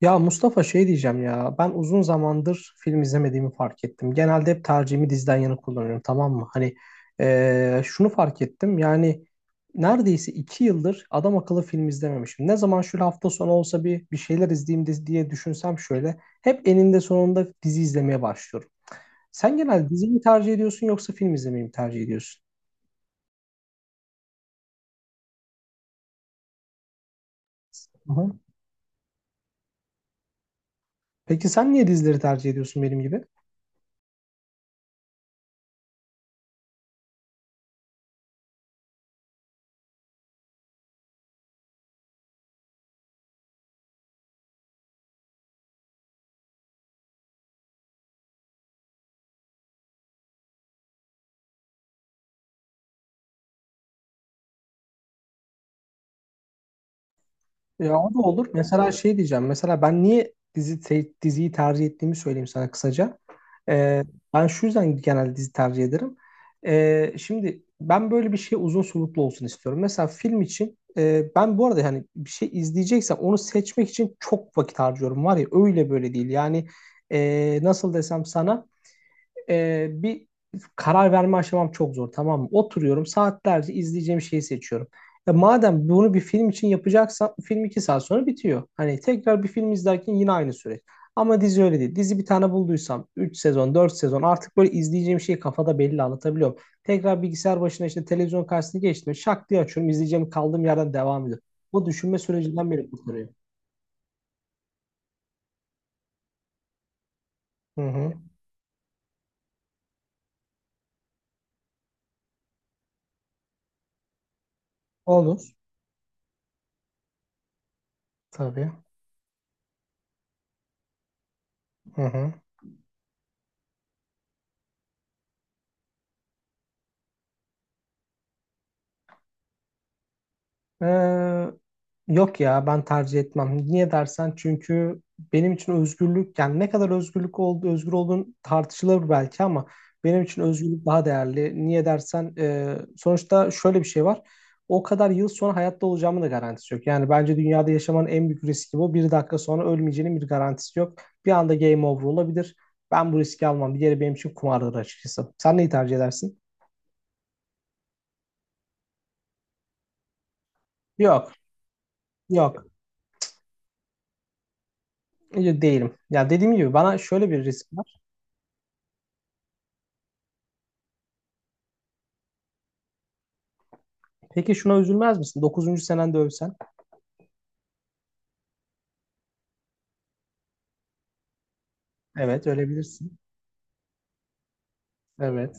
Ya Mustafa şey diyeceğim ya ben uzun zamandır film izlemediğimi fark ettim. Genelde hep tercihimi diziden yana kullanıyorum tamam mı? Hani şunu fark ettim yani neredeyse 2 yıldır adam akıllı film izlememişim. Ne zaman şu hafta sonu olsa bir şeyler izleyeyim diye düşünsem şöyle hep eninde sonunda dizi izlemeye başlıyorum. Sen genelde dizi mi tercih ediyorsun yoksa film izlemeyi mi tercih ediyorsun? Hı hı. Peki sen niye dizileri tercih ediyorsun benim gibi? Ya o da olur. Mesela şey diyeceğim. Mesela ben niye diziyi tercih ettiğimi söyleyeyim sana kısaca. Ee, ben şu yüzden genelde dizi tercih ederim. Şimdi ben böyle bir şey uzun soluklu olsun istiyorum. Mesela film için ben bu arada hani bir şey izleyeceksem onu seçmek için çok vakit harcıyorum. Var ya öyle böyle değil. Yani nasıl desem sana bir karar verme aşamam çok zor tamam mı? Oturuyorum saatlerce izleyeceğim şeyi seçiyorum. Ya madem bunu bir film için yapacaksan film 2 saat sonra bitiyor. Hani tekrar bir film izlerken yine aynı süreç. Ama dizi öyle değil. Dizi bir tane bulduysam 3 sezon 4 sezon artık böyle izleyeceğim şeyi kafada belli anlatabiliyorum. Tekrar bilgisayar başına işte televizyon karşısına geçtim. Şak diye açıyorum izleyeceğim kaldığım yerden devam ediyor. O düşünme sürecinden beni kurtarıyor. Hı hı. Olur. Tabii. Hı hı. Ee, yok ya ben tercih etmem. Niye dersen çünkü benim için özgürlük yani ne kadar özgürlük oldu özgür olduğun tartışılır belki ama benim için özgürlük daha değerli. Niye dersen sonuçta şöyle bir şey var. O kadar yıl sonra hayatta olacağımın da garantisi yok. Yani bence dünyada yaşamanın en büyük riski bu. Bir dakika sonra ölmeyeceğinin bir garantisi yok. Bir anda game over olabilir. Ben bu riski almam. Bir yere benim için kumardır açıkçası. Sen neyi tercih edersin? Yok, yok. Değilim. Ya dediğim gibi bana şöyle bir risk. Peki şuna üzülmez misin? 9. senende ölsen. Evet, ölebilirsin. Evet.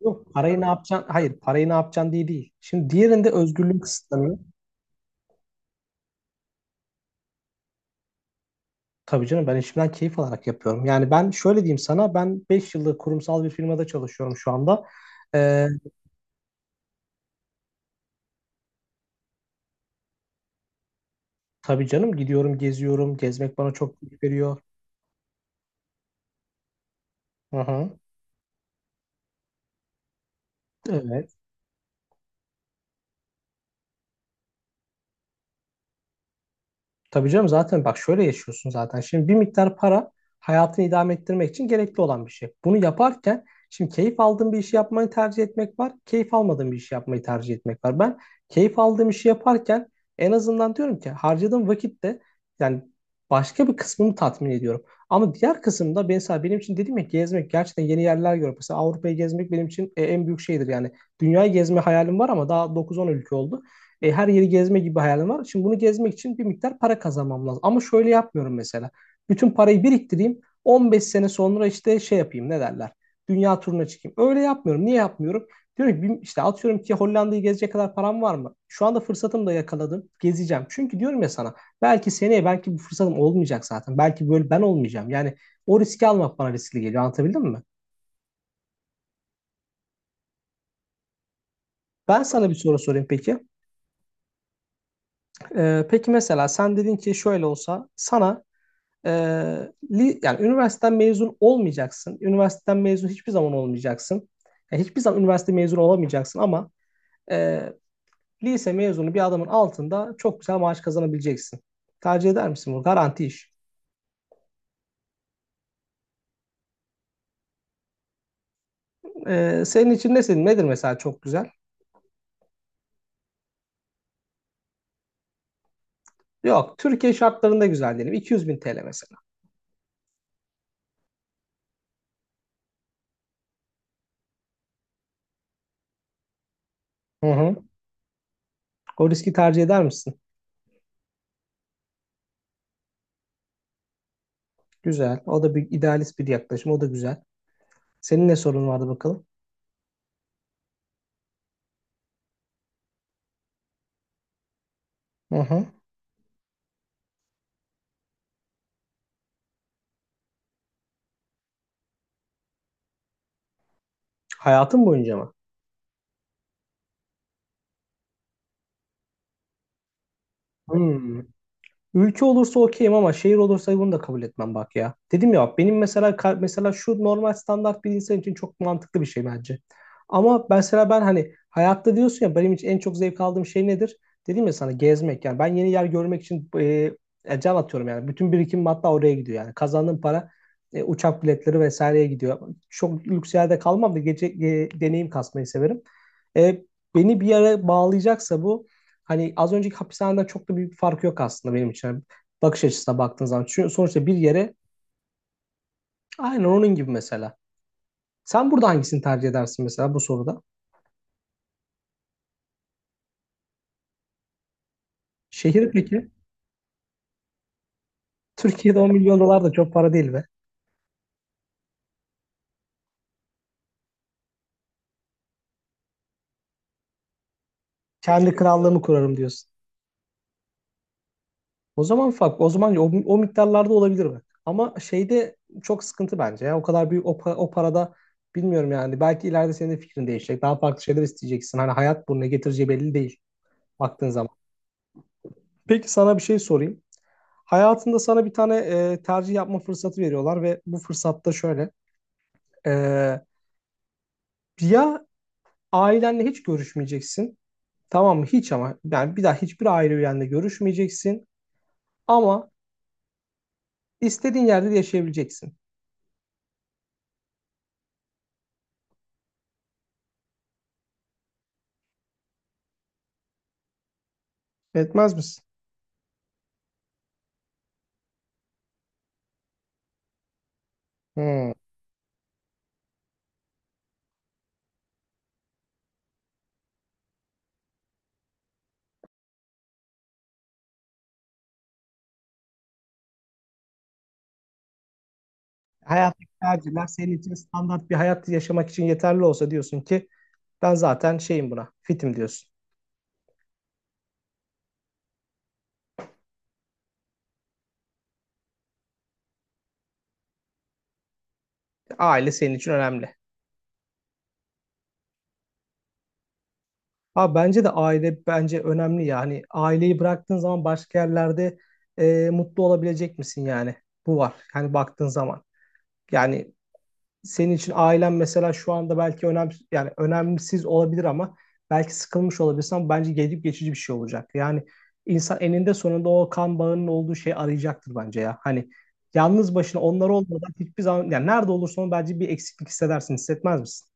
Yok, parayı ne yapacaksın? Hayır, parayı ne yapacaksın diye değil. Şimdi diğerinde özgürlüğün kısıtlanıyor. Tabii canım ben işimden keyif alarak yapıyorum. Yani ben şöyle diyeyim sana ben 5 yıllık kurumsal bir firmada çalışıyorum şu anda. Ee, tabii canım gidiyorum geziyorum. Gezmek bana çok keyif veriyor. Hı hı. Evet. Tabii canım zaten bak şöyle yaşıyorsun zaten. Şimdi bir miktar para hayatını idame ettirmek için gerekli olan bir şey. Bunu yaparken şimdi keyif aldığın bir işi yapmayı tercih etmek var. Keyif almadığın bir işi yapmayı tercih etmek var. Ben keyif aldığım işi yaparken en azından diyorum ki harcadığım vakitte yani başka bir kısmını tatmin ediyorum. Ama diğer kısımda mesela benim için dedim ya gezmek gerçekten yeni yerler görmek. Mesela Avrupa'yı gezmek benim için en büyük şeydir yani. Dünyayı gezme hayalim var ama daha 9-10 ülke oldu. Her yeri gezme gibi hayalim var. Şimdi bunu gezmek için bir miktar para kazanmam lazım. Ama şöyle yapmıyorum mesela. Bütün parayı biriktireyim. 15 sene sonra işte şey yapayım ne derler. Dünya turuna çıkayım. Öyle yapmıyorum. Niye yapmıyorum? Diyorum ki işte atıyorum ki Hollanda'yı gezecek kadar param var mı? Şu anda fırsatımı da yakaladım. Gezeceğim. Çünkü diyorum ya sana belki seneye belki bu fırsatım olmayacak zaten. Belki böyle ben olmayacağım. Yani o riski almak bana riskli geliyor. Anlatabildim mi? Ben sana bir soru sorayım peki. Peki mesela sen dedin ki şöyle olsa sana. Yani üniversiteden mezun olmayacaksın. Üniversiteden mezun hiçbir zaman olmayacaksın. Yani hiçbir zaman üniversite mezunu olamayacaksın ama e, lise mezunu bir adamın altında çok güzel maaş kazanabileceksin. Tercih eder misin bu? Garanti iş. Senin için ne nedir mesela çok güzel? Yok, Türkiye şartlarında güzel diyelim. 200 bin TL mesela. Hı hı. O riski tercih eder misin? Güzel. O da bir idealist bir yaklaşım. O da güzel. Senin ne sorun vardı bakalım? Hı hı. Hayatın boyunca mı? Hmm. Ülke olursa okeyim ama şehir olursa bunu da kabul etmem bak ya. Dedim ya benim mesela mesela şu normal standart bir insan için çok mantıklı bir şey bence. Ama mesela ben hani hayatta diyorsun ya benim için en çok zevk aldığım şey nedir? Dedim ya sana gezmek yani ben yeni yer görmek için can atıyorum yani. Bütün birikimim hatta oraya gidiyor yani. Kazandığım para uçak biletleri vesaireye gidiyor. Çok lüks yerde kalmam da gece deneyim kasmayı severim. E, beni bir yere bağlayacaksa bu hani az önceki hapishaneden çok da büyük bir farkı yok aslında benim için. Bakış açısına baktığın zaman. Çünkü sonuçta bir yere aynen onun gibi mesela. Sen burada hangisini tercih edersin mesela bu soruda? Şehir peki? Türkiye'de 10 milyon dolar da çok para değil be. Kendi krallığımı kurarım diyorsun. O zaman fark, o zaman o miktarlarda olabilir mi? Ama şeyde çok sıkıntı bence ya. O kadar büyük o parada bilmiyorum yani. Belki ileride senin de fikrin değişecek. Daha farklı şeyler isteyeceksin. Hani hayat bunu ne getireceği belli değil baktığın zaman. Peki sana bir şey sorayım. Hayatında sana bir tane tercih yapma fırsatı veriyorlar ve bu fırsatta şöyle. e, ya ailenle hiç görüşmeyeceksin. Tamam mı? Hiç ama. Yani bir daha hiçbir aile üyenle görüşmeyeceksin. Ama istediğin yerde de yaşayabileceksin. Etmez misin? Hmm. Hayattaki tercihler senin için standart bir hayat yaşamak için yeterli olsa diyorsun ki ben zaten şeyim buna, fitim diyorsun. Aile senin için önemli. Ha bence de aile bence önemli ya hani aileyi bıraktığın zaman başka yerlerde mutlu olabilecek misin yani bu var yani baktığın zaman yani senin için ailen mesela şu anda belki önemli yani önemsiz olabilir ama belki sıkılmış olabilirsin ama bence gelip geçici bir şey olacak yani insan eninde sonunda o kan bağının olduğu şeyi arayacaktır bence ya hani yalnız başına onlar olmadan hiçbir zaman yani nerede olursan ol bence bir eksiklik hissedersin hissetmez misin?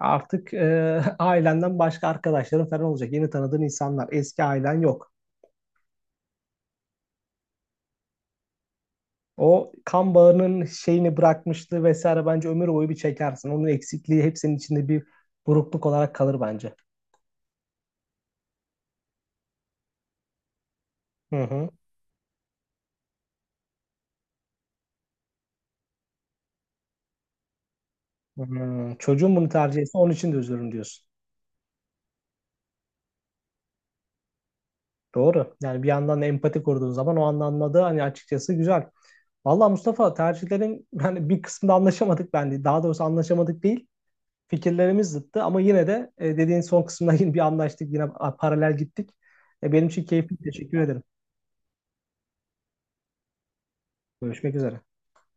Artık ailenden başka arkadaşların falan olacak. Yeni tanıdığın insanlar. Eski ailen yok. O kan bağının şeyini bırakmıştı vesaire bence ömür boyu bir çekersin. Onun eksikliği hepsinin içinde bir burukluk olarak kalır bence. Hı hı. Hmm, çocuğun bunu tercih etse onun için de üzülürüm diyorsun. Doğru. Yani bir yandan da empati kurduğun zaman o anda anladığı hani açıkçası güzel. Vallahi Mustafa tercihlerin yani bir kısmında anlaşamadık bence. Daha doğrusu anlaşamadık değil. Fikirlerimiz zıttı ama yine de dediğin son kısımda yine bir anlaştık, yine paralel gittik. Benim için keyifli. Teşekkür ederim. Görüşmek üzere.